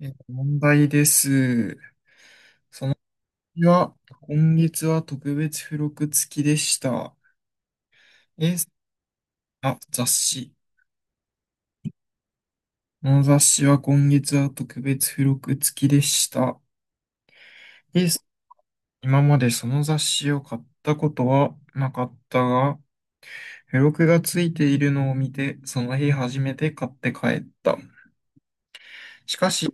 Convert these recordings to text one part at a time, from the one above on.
問題です。いや、今月は特別付録付きでした。え雑誌。この雑誌は今月は特別付録付きでした。え今までその雑誌を買ったことはなかったが、付録が付いているのを見て、その日初めて買って帰った。しかし、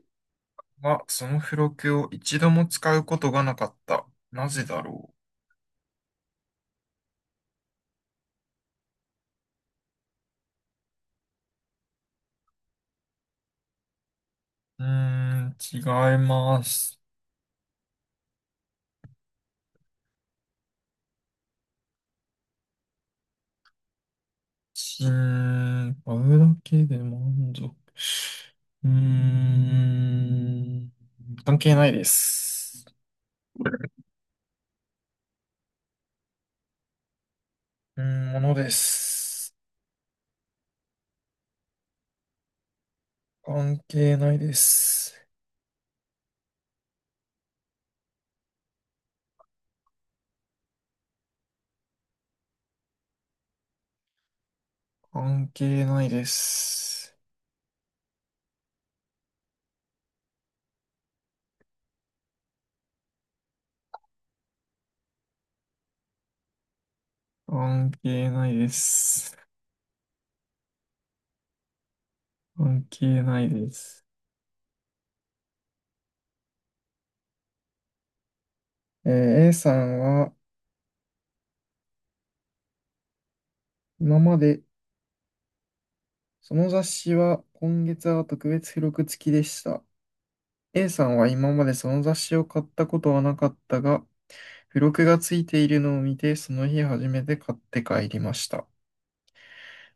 はその付録を一度も使うことがなかった。なぜだろう。違います。うん、買うだけで満足。うーん、関係ないです。うーものです。関係ないです。関係ないです。関係ないです。関係ないです。えー A さんは、今まで、その雑誌は今月は特別付録付きでした。A さんは今までその雑誌を買ったことはなかったが、付録がついているのを見て、その日初めて買って帰りました。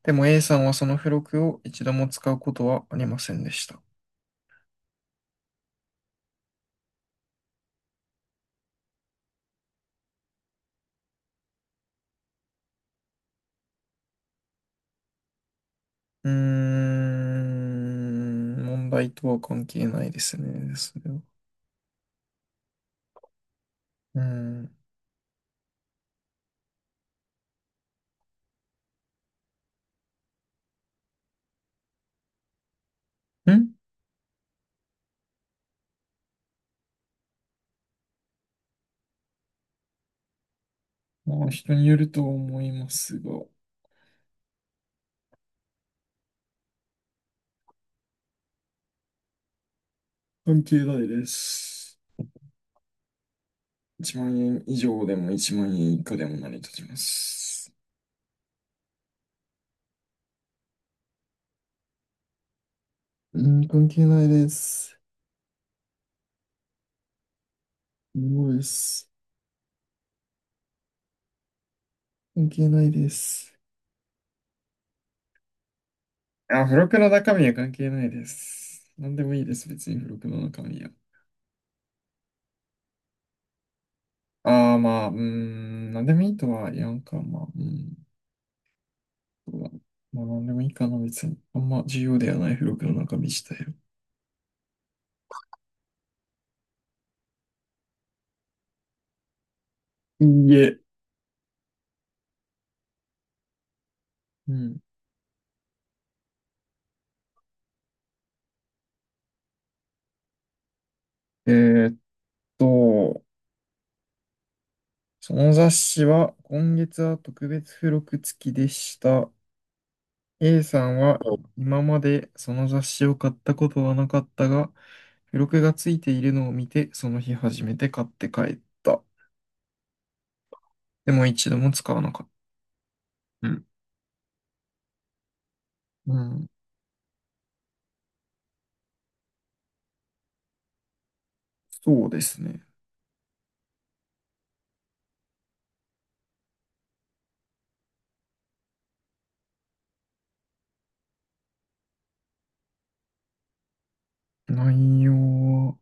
でも A さんはその付録を一度も使うことはありませんでした。問題とは関係ないですね、それは。うん。まあ、人によると思いますが、関係ないです。1万円以上でも1万円以下でも成り立ちます。うん、関係ないです。すごいです。関係ないです。あ、付録の中身は関係ないです。なんでもいいです、別に付録の中身は。ああ、まあ、なんでもいいとは言わんか、まあ、うん、そうだな。まあ、なんでもいいかな、別に。あんま重要ではない付録の中身自体は。いいえ。うん。えーっと、その雑誌は今月は特別付録付きでした。A さんは今までその雑誌を買ったことはなかったが、付録が付いているのを見て、その日初めて買って帰った。でも一度も使わなかった。うん。うんそうですね。内容は、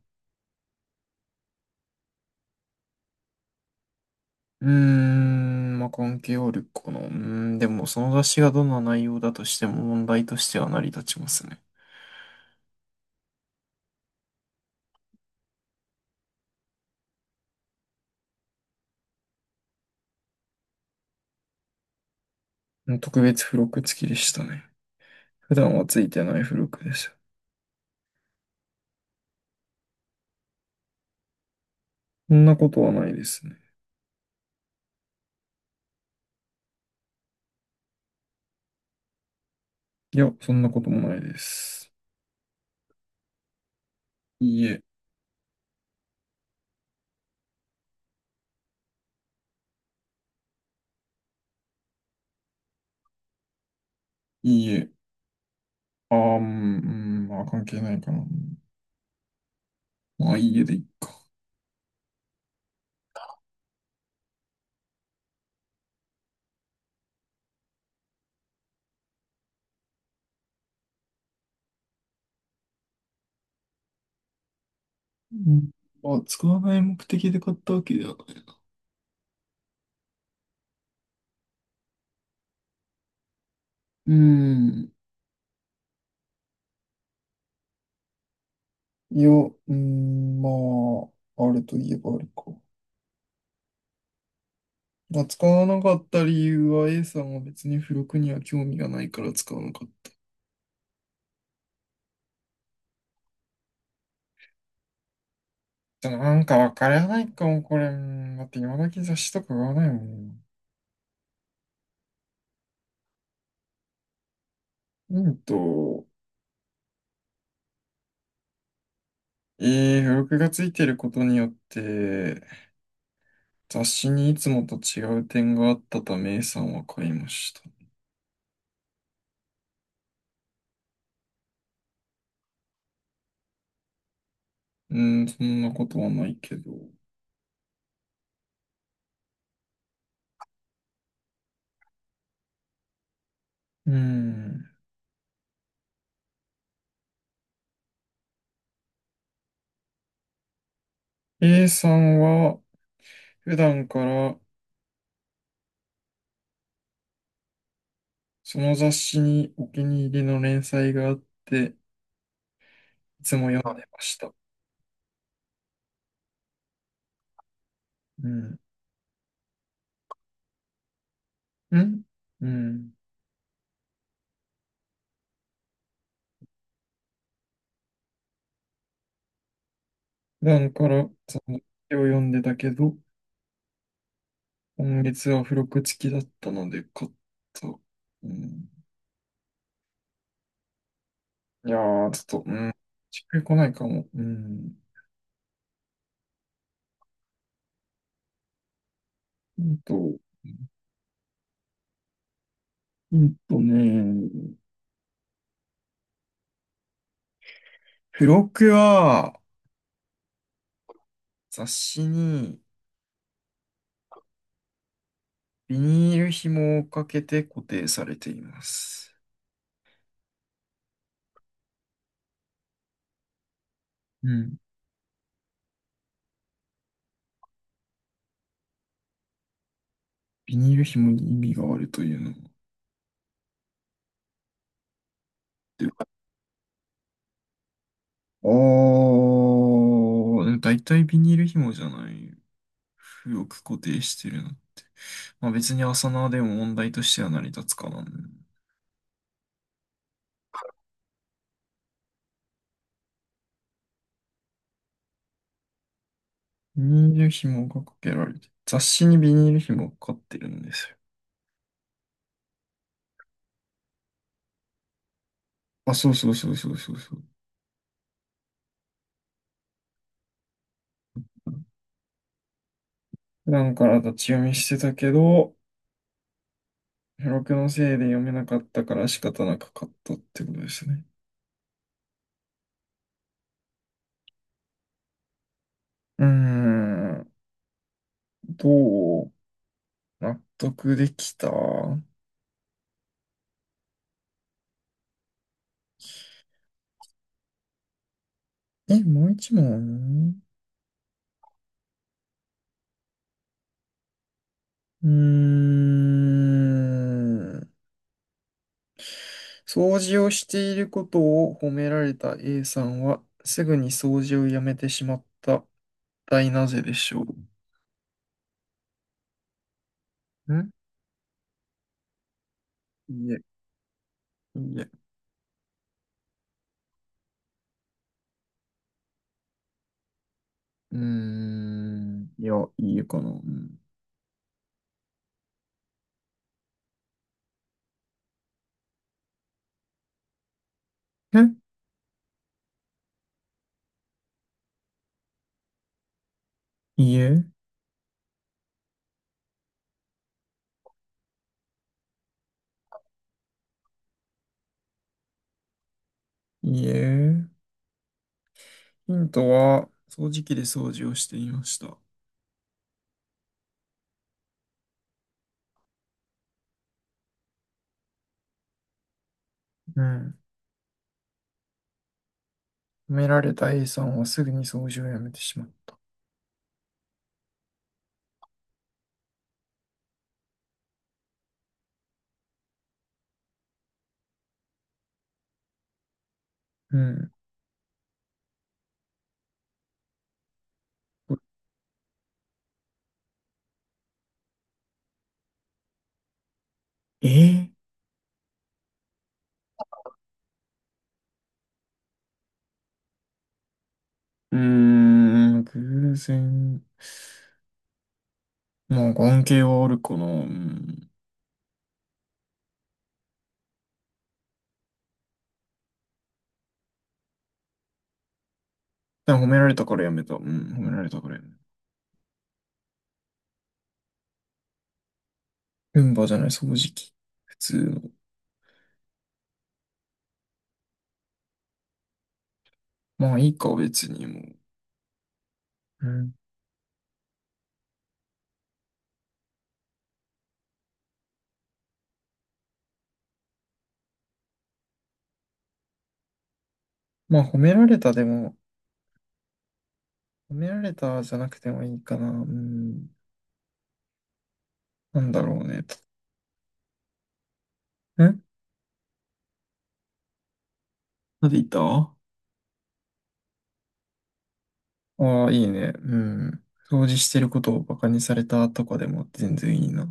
まあ、関係あるかな。でもその雑誌がどんな内容だとしても問題としては成り立ちますね。うん特別付録付きでしたね。普段はついてない付録でした。そんなことはないですね。いや、そんなこともないです。いいえ、いいえ。うん、まあ関係ないかな。まあいいえでいいか。うんまあ、使わない目的で買ったわけではない。うーん。いや、まあ、あるといえばあるか。まあ、使わなかった理由は A さんは別に付録には興味がないから使わなかった。じゃあ、なんかわからないかも、これ。うんだって今だけ雑誌とか買わないもん。ヒント、え付録がついてることによって、雑誌にいつもと違う点があったため A さんは買いました。そんなことはないけど。うーん。A さんは普段からその雑誌にお気に入りの連載があって、いつも読んでました。うん。うんうん。普段から、絵を読んでたけど、今月は付録付きだったので買った。うん。いやー、ちょっと、うん。しっくりこないかも。うん。ヒンと、ヒンとね、付録は雑誌にビニール紐をかけて固定されています。うん。ビニール紐に意味があるというの。おー、でも大体ビニール紐じゃない。よく固定してるな。まあ別に朝縄でも問題としては成り立つかな。ビニール紐がかけられて、雑誌にビニール紐がかかってるんですよ。あ、そうそうそうそうそうそう。普段から立ち読みしてたけど、付録のせいで読めなかったから仕方なく買ったってことですね。うーん、どう、納得できた？え、もう一問？うーん。掃除をしていることを褒められた A さんは、すぐに掃除をやめてしまった。大なぜでしょう。いいえ、いいえ。うーん。いや、いいえかな。うん。えいいえ、いいえ。ヒントは、掃除機で掃除をしていました。うん。褒められた A さんはすぐに掃除をやめてしまった。うん。えー偶然。まあ、関係はあるかな。うん。でも褒められたからやめた。うん、褒められたからやめた。ルンバじゃない、掃除機。普通の。まあいいか、別にもう。うん。まあ褒められたでも、褒められたじゃなくてもいいかな。うん。なんだろうね、と。んなんで言ったあ。いいね。うん。掃除してることをバカにされたとかでも全然いいな。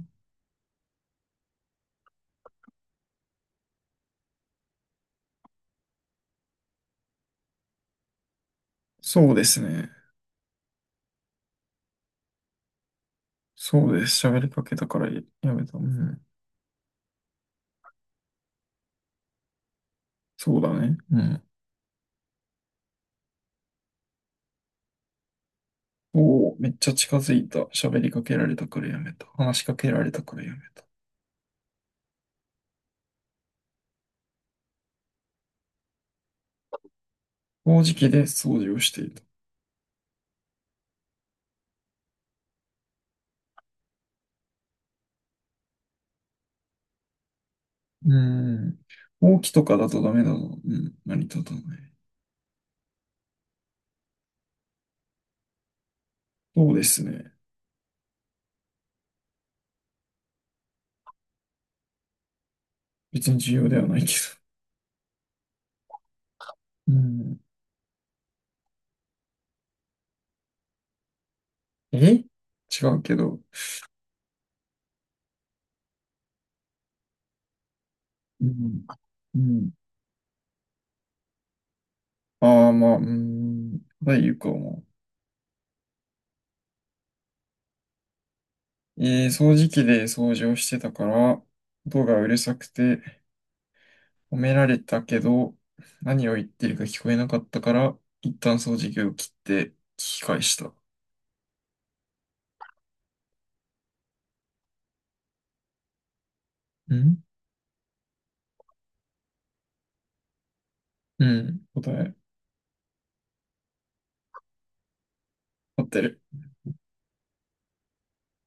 そうですね。そうです。喋りかけたからやめた。うん。そうだね。うん。おお、めっちゃ近づいた。喋りかけられたからやめた。話しかけられたからやめた。掃除機で掃除をしていた。うーん。ほうきとかだとダメだぞ。うん。何とだね。そうですね。別に重要ではないけど。うん。え違うけど。うん。うん。ああ、まあ、うーん。ただ言うかも。掃除機で掃除をしてたから、音がうるさくて、褒められたけど、何を言ってるか聞こえなかったから、一旦掃除機を切って聞き返した。んうん。答え、合ってる。